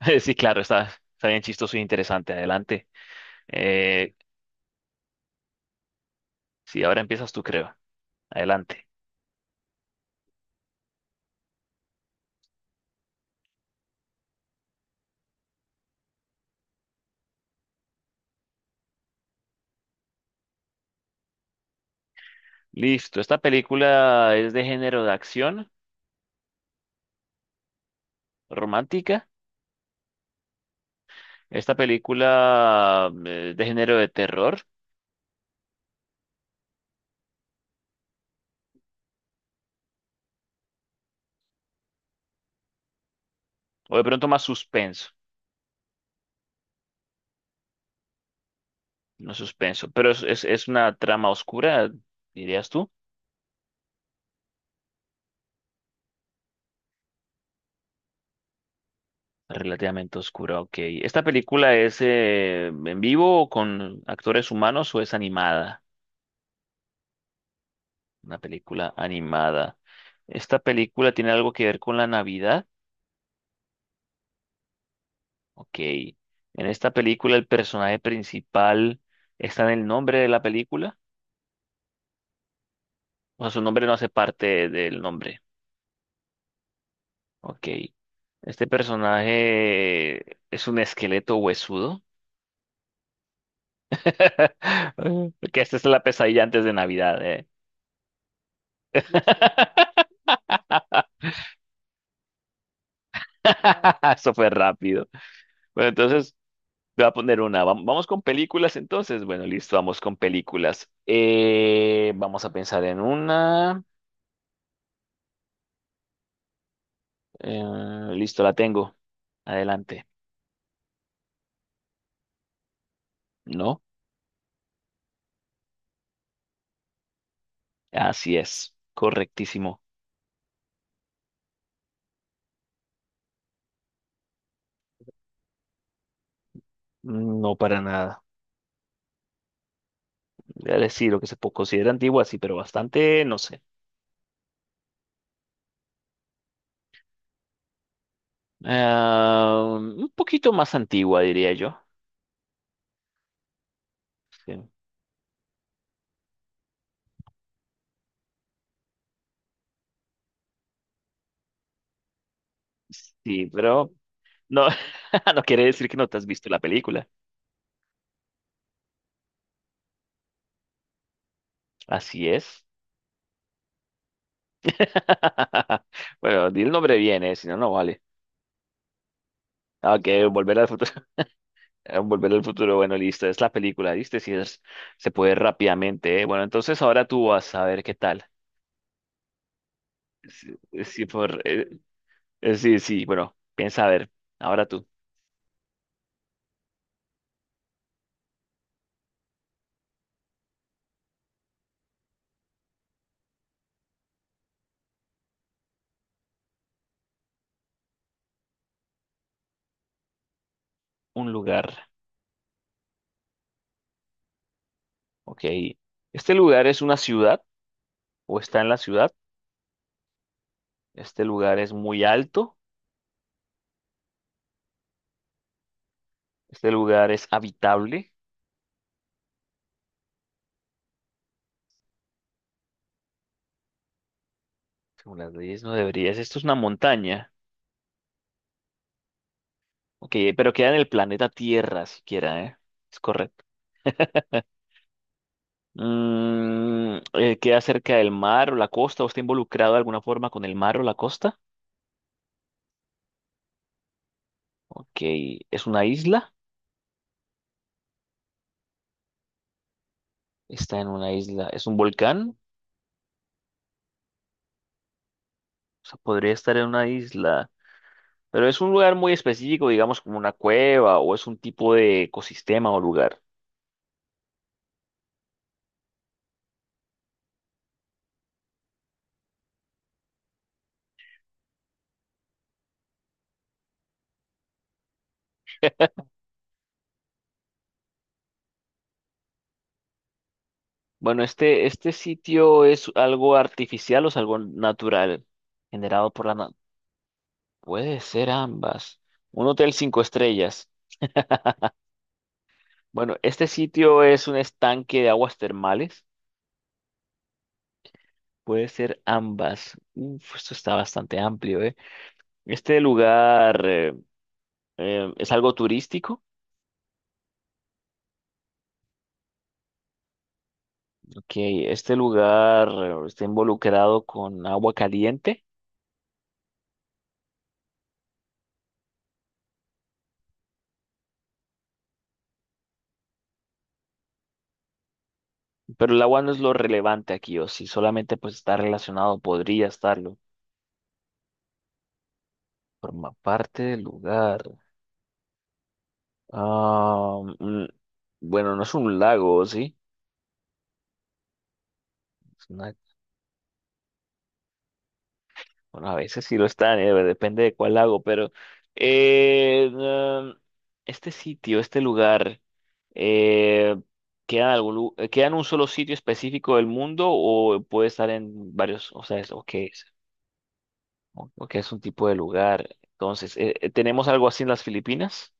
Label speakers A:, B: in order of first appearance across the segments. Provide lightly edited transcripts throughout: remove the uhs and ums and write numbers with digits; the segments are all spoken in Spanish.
A: Sí, claro, está, está bien chistoso y interesante. Adelante. Eh, sí, ahora empiezas tú, creo. Adelante. Listo. Esta película es de género de acción romántica. Esta película de género de terror. O de pronto más suspenso. No suspenso. Pero es una trama oscura, dirías tú. Relativamente oscura, ok. ¿Esta película es en vivo o con actores humanos o es animada? Una película animada. ¿Esta película tiene algo que ver con la Navidad? Ok. ¿En esta película el personaje principal está en el nombre de la película? O sea, su nombre no hace parte del nombre. Ok. ¿Este personaje es un esqueleto huesudo? Que esta es La pesadilla antes de Navidad, ¿eh? Eso fue rápido. Bueno, entonces te voy a poner una. Vamos con películas entonces. Bueno, listo, vamos con películas. Vamos a pensar en una. Eh, Listo, la tengo. Adelante. ¿No? Así es. Correctísimo. No, para nada. Voy a decir lo que considera antigua, sí, pero bastante, no sé. Ah, un poquito más antigua, diría yo. Sí, sí, pero no, no quiere decir que no te has visto la película. Así es. Bueno, di el nombre bien, si no, no vale. Ah, que Volver al futuro. Volver al futuro, bueno, listo, es la película, ¿viste? Si es, se puede rápidamente, eh. Bueno, entonces ahora tú vas a ver qué tal. Sí, sí, sí, sí, bueno, piensa a ver. Ahora tú, un lugar, ok. ¿Este lugar es una ciudad o está en la ciudad? ¿Este lugar es muy alto? ¿Este lugar es habitable? Según las leyes no deberías. Esto es una montaña. Ok, pero queda en el planeta Tierra siquiera, ¿eh? Es correcto. Mm, ¿queda cerca del mar o la costa? ¿O está involucrado de alguna forma con el mar o la costa? Ok, ¿es una isla? Está en una isla. ¿Es un volcán? O sea, podría estar en una isla. Pero es un lugar muy específico, digamos como una cueva o es un tipo de ecosistema o lugar. Bueno, este sitio es algo artificial o es algo natural, generado por la... Puede ser ambas. Un hotel cinco estrellas. Bueno, este sitio es un estanque de aguas termales. Puede ser ambas. Uf, esto está bastante amplio, ¿eh? Este lugar es algo turístico. Ok, este lugar está involucrado con agua caliente, pero el agua no es lo relevante aquí, o si solamente pues está relacionado, podría estarlo. Forma parte del lugar. Ah, mm, bueno, no es un lago, ¿sí? Es una... Bueno, a veces sí lo están, depende de cuál hago, pero eh, mm, este sitio, este lugar, eh, ¿queda en queda en un solo sitio específico del mundo o puede estar en varios, o sea, es, o qué es, o qué es un tipo de lugar? Entonces, ¿tenemos algo así en las Filipinas?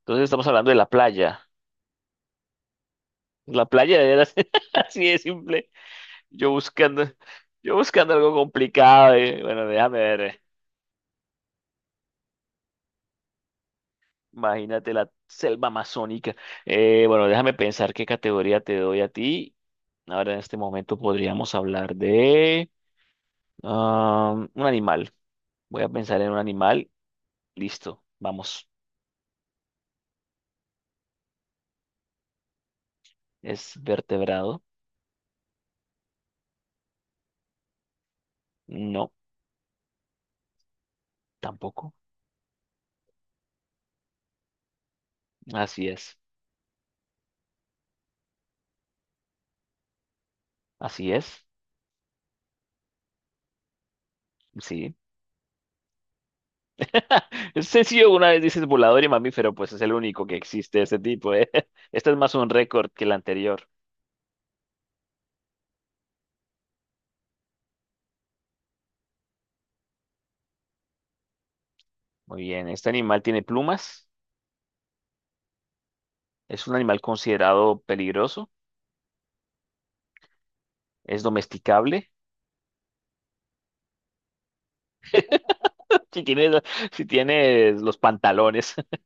A: Entonces estamos hablando de la playa. La playa de veras, así de simple. Yo buscando, yo buscando algo complicado. Bueno, déjame ver. Imagínate la selva amazónica. Bueno, déjame pensar qué categoría te doy a ti. Ahora en este momento podríamos hablar de un animal. Voy a pensar en un animal. Listo, vamos. ¿Es vertebrado? No, tampoco. Así es. Así es. Sí. Es sencillo, una vez dices volador y mamífero, pues es el único que existe de ese tipo, ¿eh? Este es más un récord que el anterior. Muy bien, ¿este animal tiene plumas? ¿Es un animal considerado peligroso? ¿Es domesticable? Si tienes, si tienes los pantalones.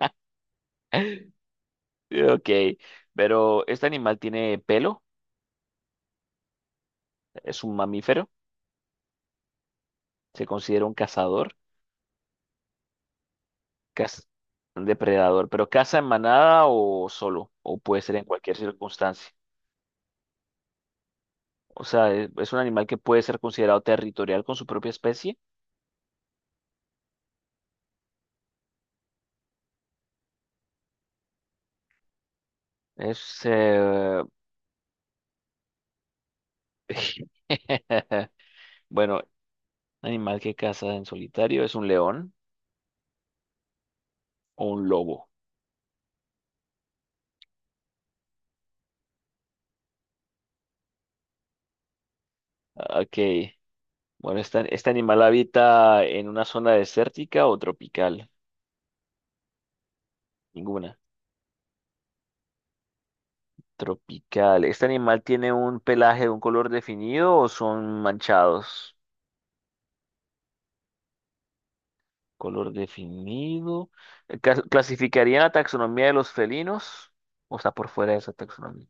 A: Ok. Pero ¿este animal tiene pelo? ¿Es un mamífero? ¿Se considera un cazador? ¿Caz- ¿Un depredador? ¿Pero caza en manada o solo? ¿O puede ser en cualquier circunstancia? O sea, ¿ es un animal que puede ser considerado territorial con su propia especie? Es... eh, Bueno, animal que caza en solitario es un león o un lobo. Ok. Bueno, ¿ este animal habita en una zona desértica o tropical? Ninguna. Tropical. ¿Este animal tiene un pelaje de un color definido o son manchados? Color definido. ¿Clasificaría en la taxonomía de los felinos? O está por fuera de esa taxonomía.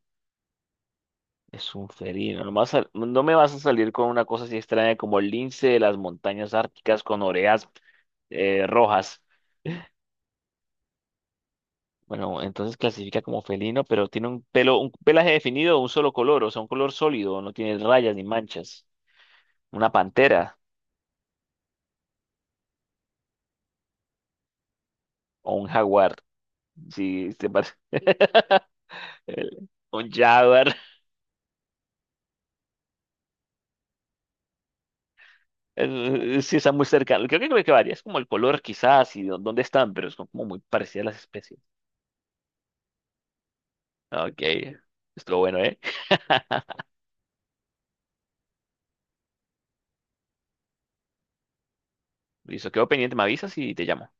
A: Es un felino. No, no me vas a salir con una cosa así extraña como el lince de las montañas árticas con orejas rojas. Bueno, entonces clasifica como felino, pero tiene un pelaje definido, un solo color, o sea, un color sólido, no tiene rayas ni manchas. Una pantera o un jaguar, si te parece. Un jaguar, sí está muy cercano. Creo que varía, es como el color quizás y dónde están, pero son como muy parecidas las especies. Ok, estuvo bueno, ¿eh? Listo, quedo pendiente, me avisas y te llamo.